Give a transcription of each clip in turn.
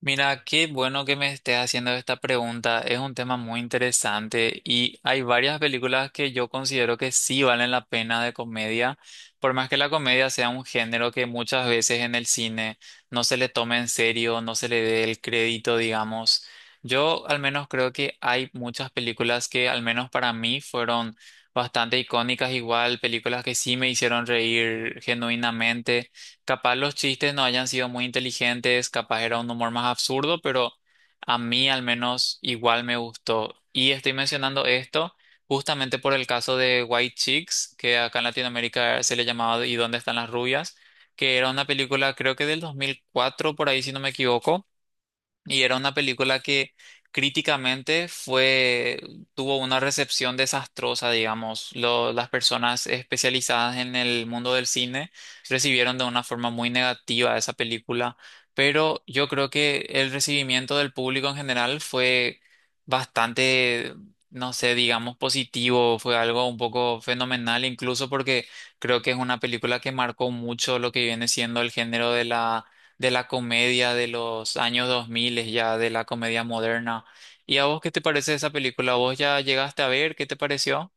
Mira, qué bueno que me estés haciendo esta pregunta. Es un tema muy interesante y hay varias películas que yo considero que sí valen la pena de comedia, por más que la comedia sea un género que muchas veces en el cine no se le tome en serio, no se le dé el crédito, digamos. Yo al menos creo que hay muchas películas que al menos para mí fueron bastante icónicas, igual películas que sí me hicieron reír genuinamente. Capaz los chistes no hayan sido muy inteligentes, capaz era un humor más absurdo, pero a mí al menos igual me gustó. Y estoy mencionando esto justamente por el caso de White Chicks, que acá en Latinoamérica se le llamaba ¿Y dónde están las rubias? Que era una película creo que del 2004, por ahí, si no me equivoco. Y era una película que críticamente fue, tuvo una recepción desastrosa, digamos. Las personas especializadas en el mundo del cine recibieron de una forma muy negativa esa película, pero yo creo que el recibimiento del público en general fue bastante, no sé, digamos, positivo, fue algo un poco fenomenal, incluso porque creo que es una película que marcó mucho lo que viene siendo el género de la comedia de los años 2000, ya de la comedia moderna. ¿Y a vos qué te parece esa película? ¿Vos ya llegaste a ver? ¿Qué te pareció?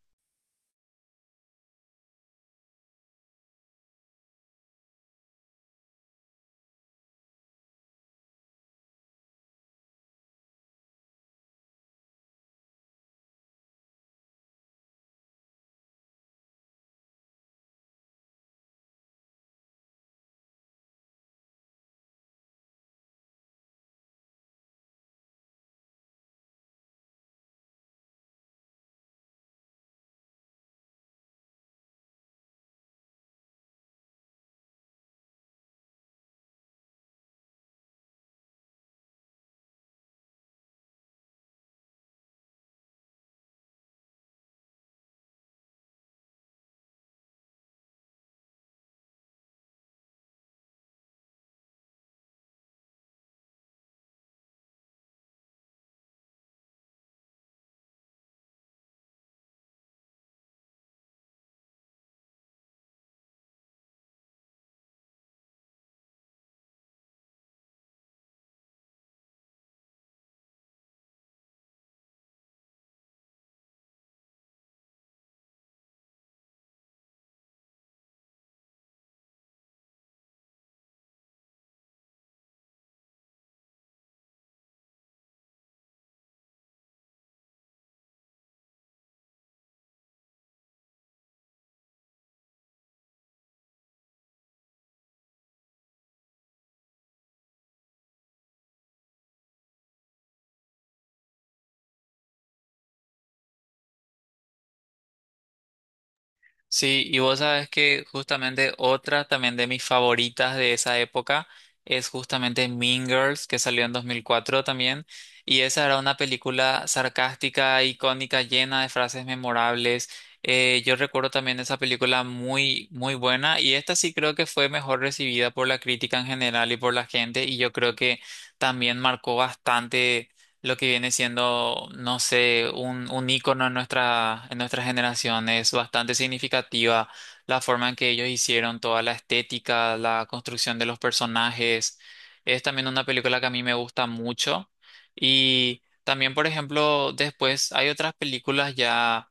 Sí, y vos sabes que justamente otra también de mis favoritas de esa época es justamente Mean Girls, que salió en 2004 también. Y esa era una película sarcástica, icónica, llena de frases memorables. Yo recuerdo también esa película muy, muy buena. Y esta sí creo que fue mejor recibida por la crítica en general y por la gente. Y yo creo que también marcó bastante lo que viene siendo, no sé, un ícono en nuestra generación. Es bastante significativa la forma en que ellos hicieron toda la estética, la construcción de los personajes. Es también una película que a mí me gusta mucho. Y también, por ejemplo, después hay otras películas ya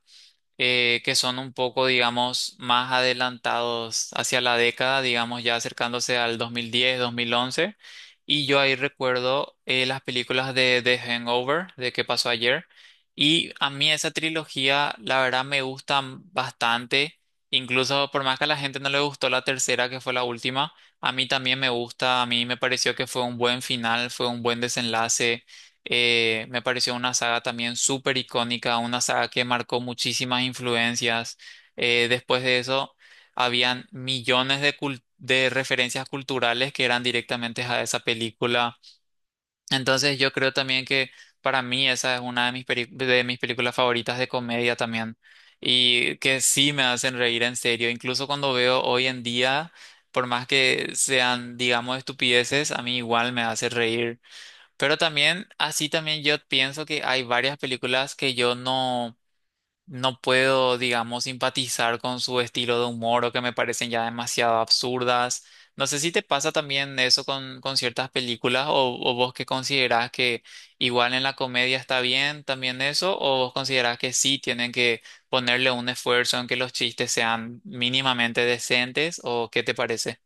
que son un poco, digamos, más adelantados hacia la década, digamos, ya acercándose al 2010, 2011. Y yo ahí recuerdo, las películas de The Hangover, de qué pasó ayer. Y a mí esa trilogía, la verdad, me gustan bastante. Incluso por más que a la gente no le gustó la tercera, que fue la última, a mí también me gusta, a mí me pareció que fue un buen final, fue un buen desenlace. Me pareció una saga también súper icónica, una saga que marcó muchísimas influencias. Después de eso, habían millones de, de referencias culturales que eran directamente a esa película. Entonces, yo creo también que para mí esa es una de mis, de mis películas favoritas de comedia también. Y que sí me hacen reír en serio. Incluso cuando veo hoy en día, por más que sean, digamos, estupideces, a mí igual me hace reír. Pero también, así también yo pienso que hay varias películas que yo no, no puedo, digamos, simpatizar con su estilo de humor o que me parecen ya demasiado absurdas. No sé si te pasa también eso con ciertas películas o vos que considerás que igual en la comedia está bien también eso o vos considerás que sí tienen que ponerle un esfuerzo en que los chistes sean mínimamente decentes, ¿o qué te parece?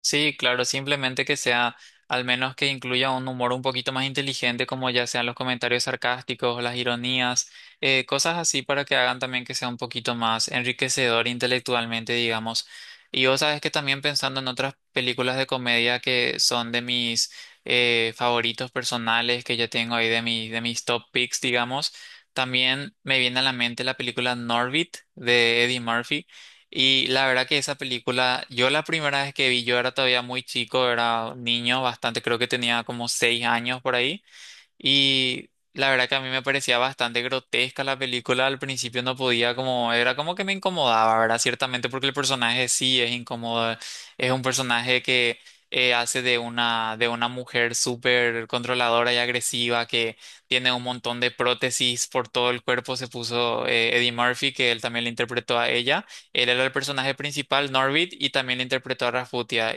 Sí, claro, simplemente que sea, al menos que incluya un humor un poquito más inteligente, como ya sean los comentarios sarcásticos, las ironías, cosas así para que hagan también que sea un poquito más enriquecedor intelectualmente, digamos. Y vos sabes que también pensando en otras películas de comedia que son de mis favoritos personales, que yo tengo ahí de mi, de mis top picks, digamos, también me viene a la mente la película Norbit de Eddie Murphy. Y la verdad que esa película, yo la primera vez que vi, yo era todavía muy chico, era niño, bastante, creo que tenía como 6 años por ahí. Y la verdad que a mí me parecía bastante grotesca la película. Al principio no podía como, era como que me incomodaba, ¿verdad? Ciertamente porque el personaje sí es incómodo. Es un personaje que hace de una mujer súper controladora y agresiva que tiene un montón de prótesis por todo el cuerpo. Se puso, Eddie Murphy, que él también le interpretó a ella. Él era el personaje principal, Norbit, y también le interpretó a Rasputia.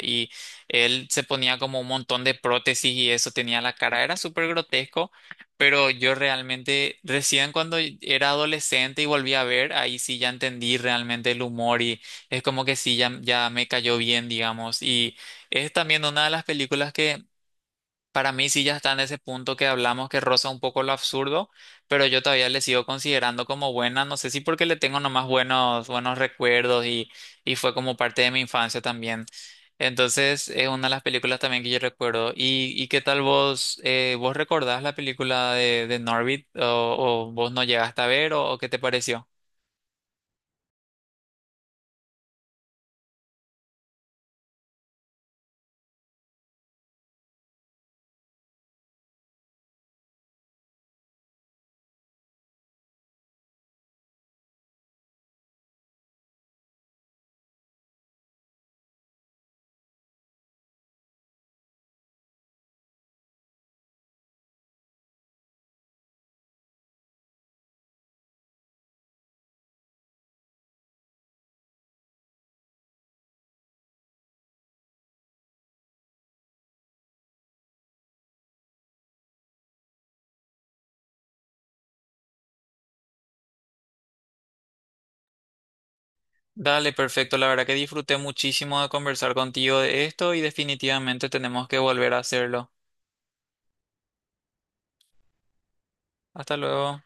Él se ponía como un montón de prótesis y eso, tenía la cara, era súper grotesco, pero yo realmente recién cuando era adolescente y volví a ver, ahí sí ya entendí realmente el humor. Y es como que sí, ya, ya me cayó bien, digamos, y es también una de las películas que… Para mí sí ya está en ese punto que hablamos, que roza un poco lo absurdo, pero yo todavía le sigo considerando como buena, no sé si porque le tengo nomás buenos, buenos recuerdos y fue como parte de mi infancia también. Entonces es una de las películas también que yo recuerdo. Y qué tal vos? ¿Vos recordás la película de Norbit o vos no llegaste a ver o qué te pareció? Dale, perfecto. La verdad que disfruté muchísimo de conversar contigo de esto y definitivamente tenemos que volver a hacerlo. Hasta luego.